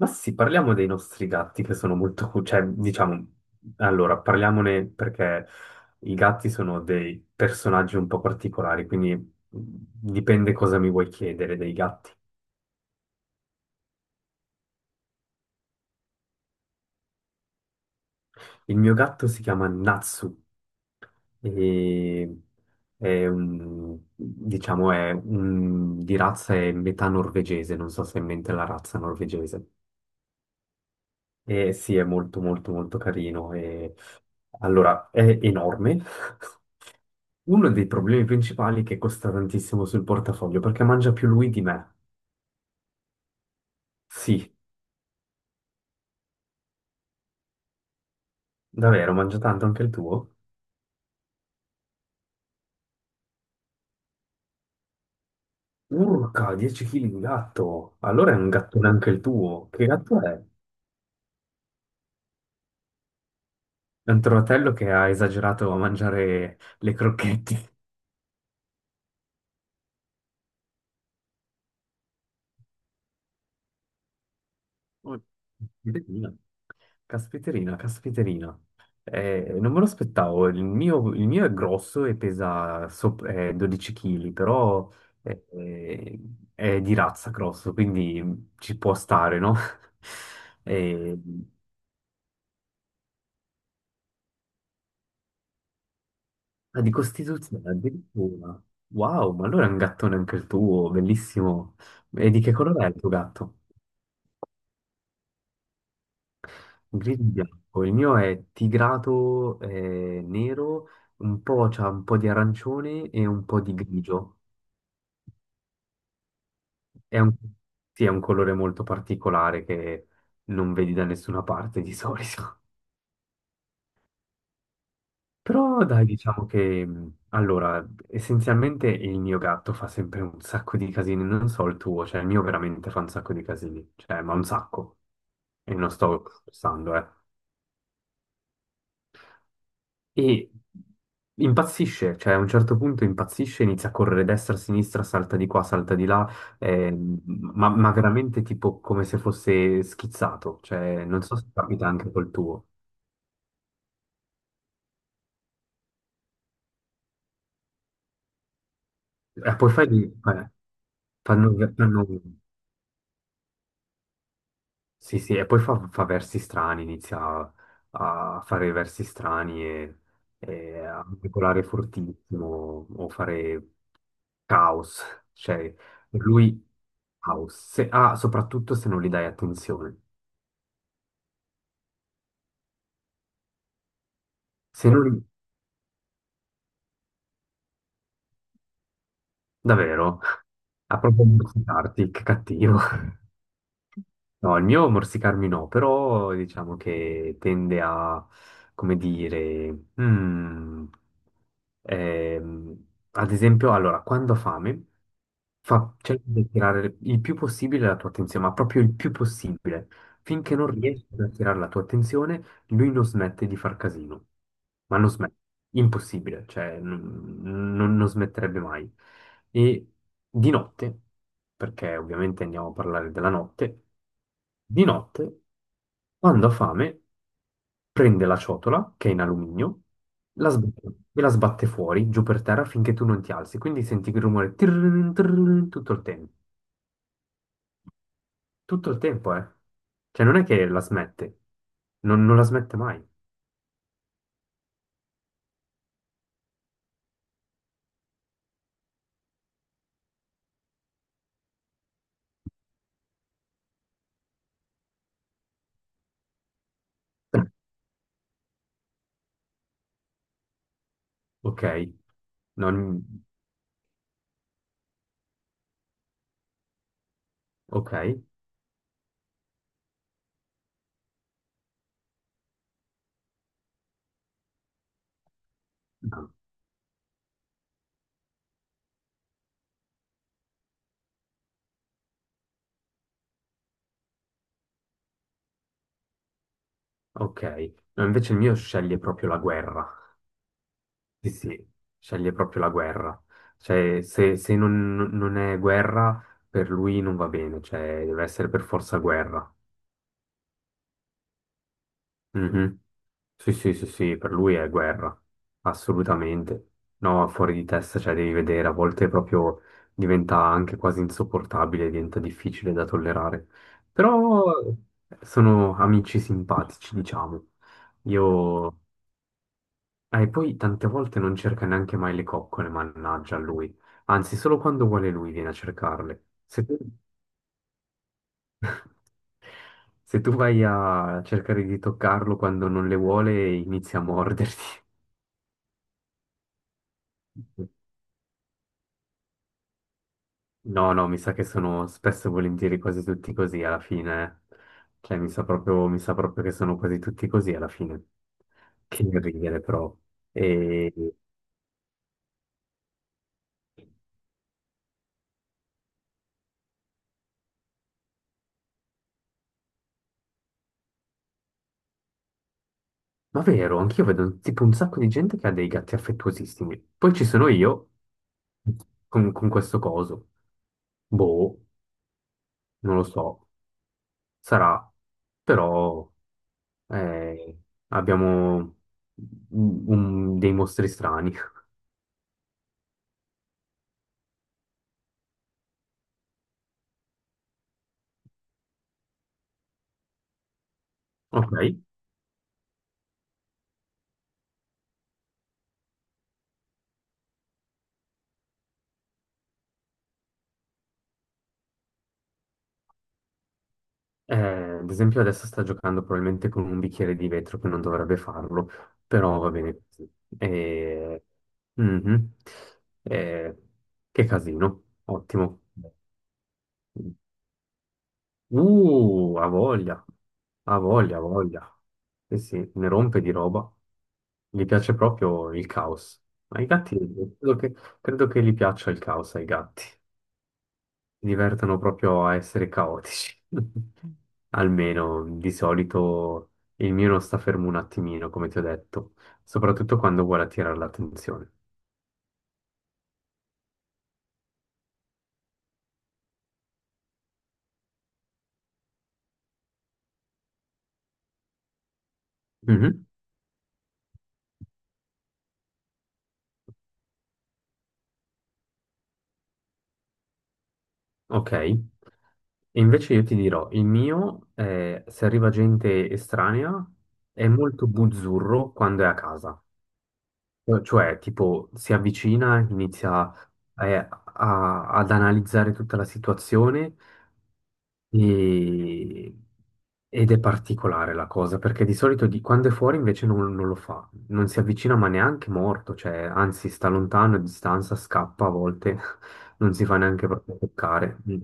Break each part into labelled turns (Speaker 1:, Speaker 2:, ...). Speaker 1: Ma sì, parliamo dei nostri gatti che sono molto, parliamone perché i gatti sono dei personaggi un po' particolari, quindi dipende cosa mi vuoi chiedere dei gatti. Il mio gatto si chiama Natsu e è un, diciamo, è un, di razza è metà norvegese, non so se è in mente la razza norvegese. E sì, è molto molto molto carino e allora è enorme. Uno dei problemi principali è che costa tantissimo sul portafoglio, perché mangia più lui di me. Sì, davvero, mangia tanto anche il tuo? Urca, 10 kg di gatto! Allora è un gattone anche il tuo. Che gatto è? È un trovatello che ha esagerato a mangiare le crocchette. Caspiterina, caspiterina. Non me lo aspettavo. Il mio è grosso e pesa 12 kg, però eh, eh, è di razza grosso, quindi ci può stare, no? Eh, ah, di costituzione addirittura. Wow, ma allora è un gattone anche il tuo, bellissimo. E di che colore è il tuo gatto? Grigio e bianco. Il mio è tigrato nero, un po', c'ha un po' di arancione e un po' di grigio. È un, sì, è un colore molto particolare che non vedi da nessuna parte di solito. Però dai, diciamo che essenzialmente il mio gatto fa sempre un sacco di casini, non so il tuo, cioè il mio veramente fa un sacco di casini, cioè, ma un sacco. E non sto scherzando, eh. E impazzisce, cioè a un certo punto impazzisce, inizia a correre destra, sinistra, salta di qua, salta di là, ehm, ma veramente tipo come se fosse schizzato, cioè non so se capita anche col tuo. E poi fai lì, fanno, fanno- Sì, sì, e poi fa versi strani, inizia a fare versi strani e a articolare fortissimo o fare caos, cioè per lui caos, soprattutto se non gli dai attenzione. Se non, davvero, ha proprio dimenticarti, che cattivo. No, il mio morsicarmi no, però diciamo che tende a, come dire, ehm, ad esempio, allora, quando ha fame, cerca di attirare il più possibile la tua attenzione, ma proprio il più possibile, finché non riesci ad attirare la tua attenzione, lui non smette di far casino, ma non smette, impossibile, cioè non smetterebbe mai. E di notte, perché ovviamente andiamo a parlare della notte, di notte, quando ha fame, prende la ciotola, che è in alluminio, la sbatte, e la sbatte fuori, giù per terra, finché tu non ti alzi. Quindi senti il rumore tirrin, tirrin, tutto il tempo. Tutto il tempo, eh. Cioè non è che la smette, non la smette mai. Ok, non... Ok, no. Ok. No, invece il mio sceglie proprio la guerra. Sì, sì, sceglie proprio la guerra. Cioè, se, se non, non è guerra, per lui non va bene, cioè deve essere per forza guerra. Mhm. Sì, sì, sì, sì, per lui è guerra, assolutamente. No, fuori di testa, cioè devi vedere, a volte proprio diventa anche quasi insopportabile, diventa difficile da tollerare. Però sono amici simpatici, diciamo. Io... E poi tante volte non cerca neanche mai le coccole, mannaggia a lui. Anzi, solo quando vuole lui viene a cercarle. Se tu vai a cercare di toccarlo quando non le vuole, inizia a morderti. No, no, mi sa che sono spesso e volentieri quasi tutti così alla fine. Eh. Cioè, mi sa proprio che sono quasi tutti così alla fine. Che ridere, però. E... Ma vero, anch'io vedo tipo un sacco di gente che ha dei gatti affettuosissimi. Poi ci sono io con questo coso. Boh, non lo so. Sarà. Però eh, abbiamo dei mostri strani. Ok. Ad esempio adesso sta giocando probabilmente con un bicchiere di vetro che non dovrebbe farlo, però va bene così. Eh, mhm. Eh, che casino, ottimo. Ha voglia, ha voglia, ha voglia. Eh sì, ne rompe di roba. Gli piace proprio il caos. Ma i gatti, credo che, credo che gli piaccia il caos ai gatti. Si divertono proprio a essere caotici. Almeno di solito il mio non sta fermo un attimino, come ti ho detto, soprattutto quando vuole attirare l'attenzione. Mhm, ok. E invece io ti dirò, il mio, se arriva gente estranea, è molto buzzurro quando è a casa. Cioè, tipo, si avvicina, inizia ad analizzare tutta la situazione. E- Ed è particolare la cosa, perché di solito quando è fuori invece non lo fa, non si avvicina ma neanche morto, cioè anzi sta lontano, a distanza, scappa a volte, non si fa neanche proprio toccare. Mm.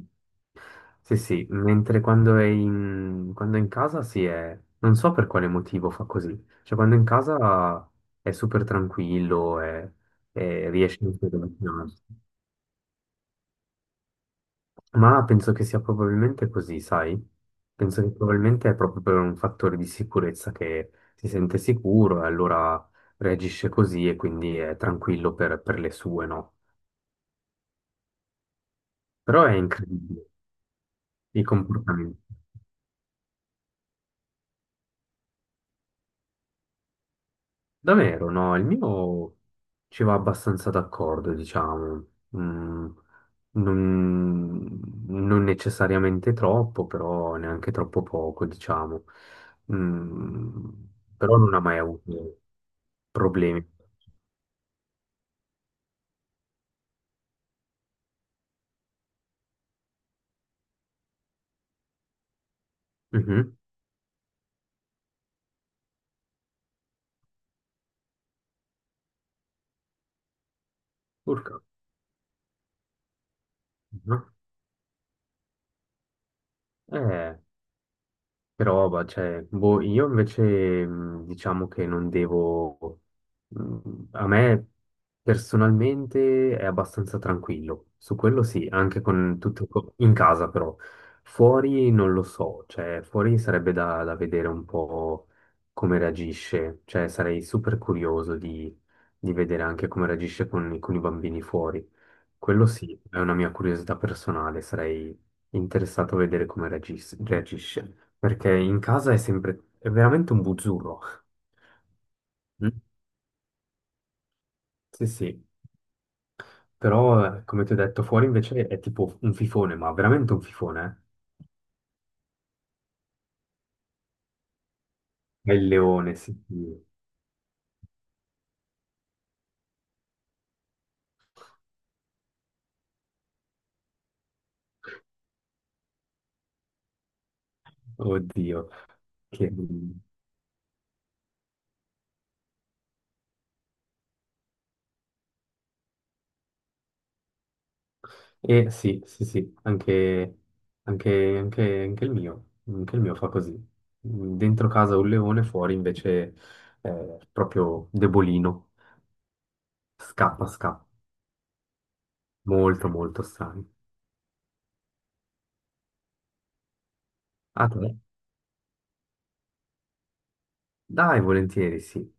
Speaker 1: Sì, sì, mentre quando è in casa si è... non so per quale motivo fa così, cioè quando è in casa è super tranquillo, riesce anche ad avvicinarsi. Ma penso che sia probabilmente così, sai? Penso che probabilmente è proprio per un fattore di sicurezza che si sente sicuro e allora reagisce così e quindi è tranquillo per le sue, no? Però è incredibile i comportamenti. Davvero, no, il mio ci va abbastanza d'accordo, diciamo. Mm, non, non necessariamente troppo, però neanche troppo poco, diciamo. Mm, però non ha mai avuto problemi. Mhm. Urca. Mhm. Eh. Però, bah, cioè, boh, io invece diciamo che non devo... A me personalmente è abbastanza tranquillo, su quello sì, anche con tutto in casa però. Fuori non lo so, cioè fuori sarebbe da, da vedere un po' come reagisce, cioè sarei super curioso di vedere anche come reagisce con i bambini fuori. Quello sì, è una mia curiosità personale, sarei interessato a vedere come reagisce, perché in casa è sempre, è veramente un buzzurro. Mm? Sì, sì, però come ti ho detto, fuori invece è tipo un fifone, ma veramente un fifone, eh? È il leone, sì, sì. Oddio. Che... E sì, sì, sì, anche il mio fa così. Dentro casa un leone, fuori invece è proprio debolino. Scappa, scappa. Molto, molto sani. A te? Dai, volentieri, sì.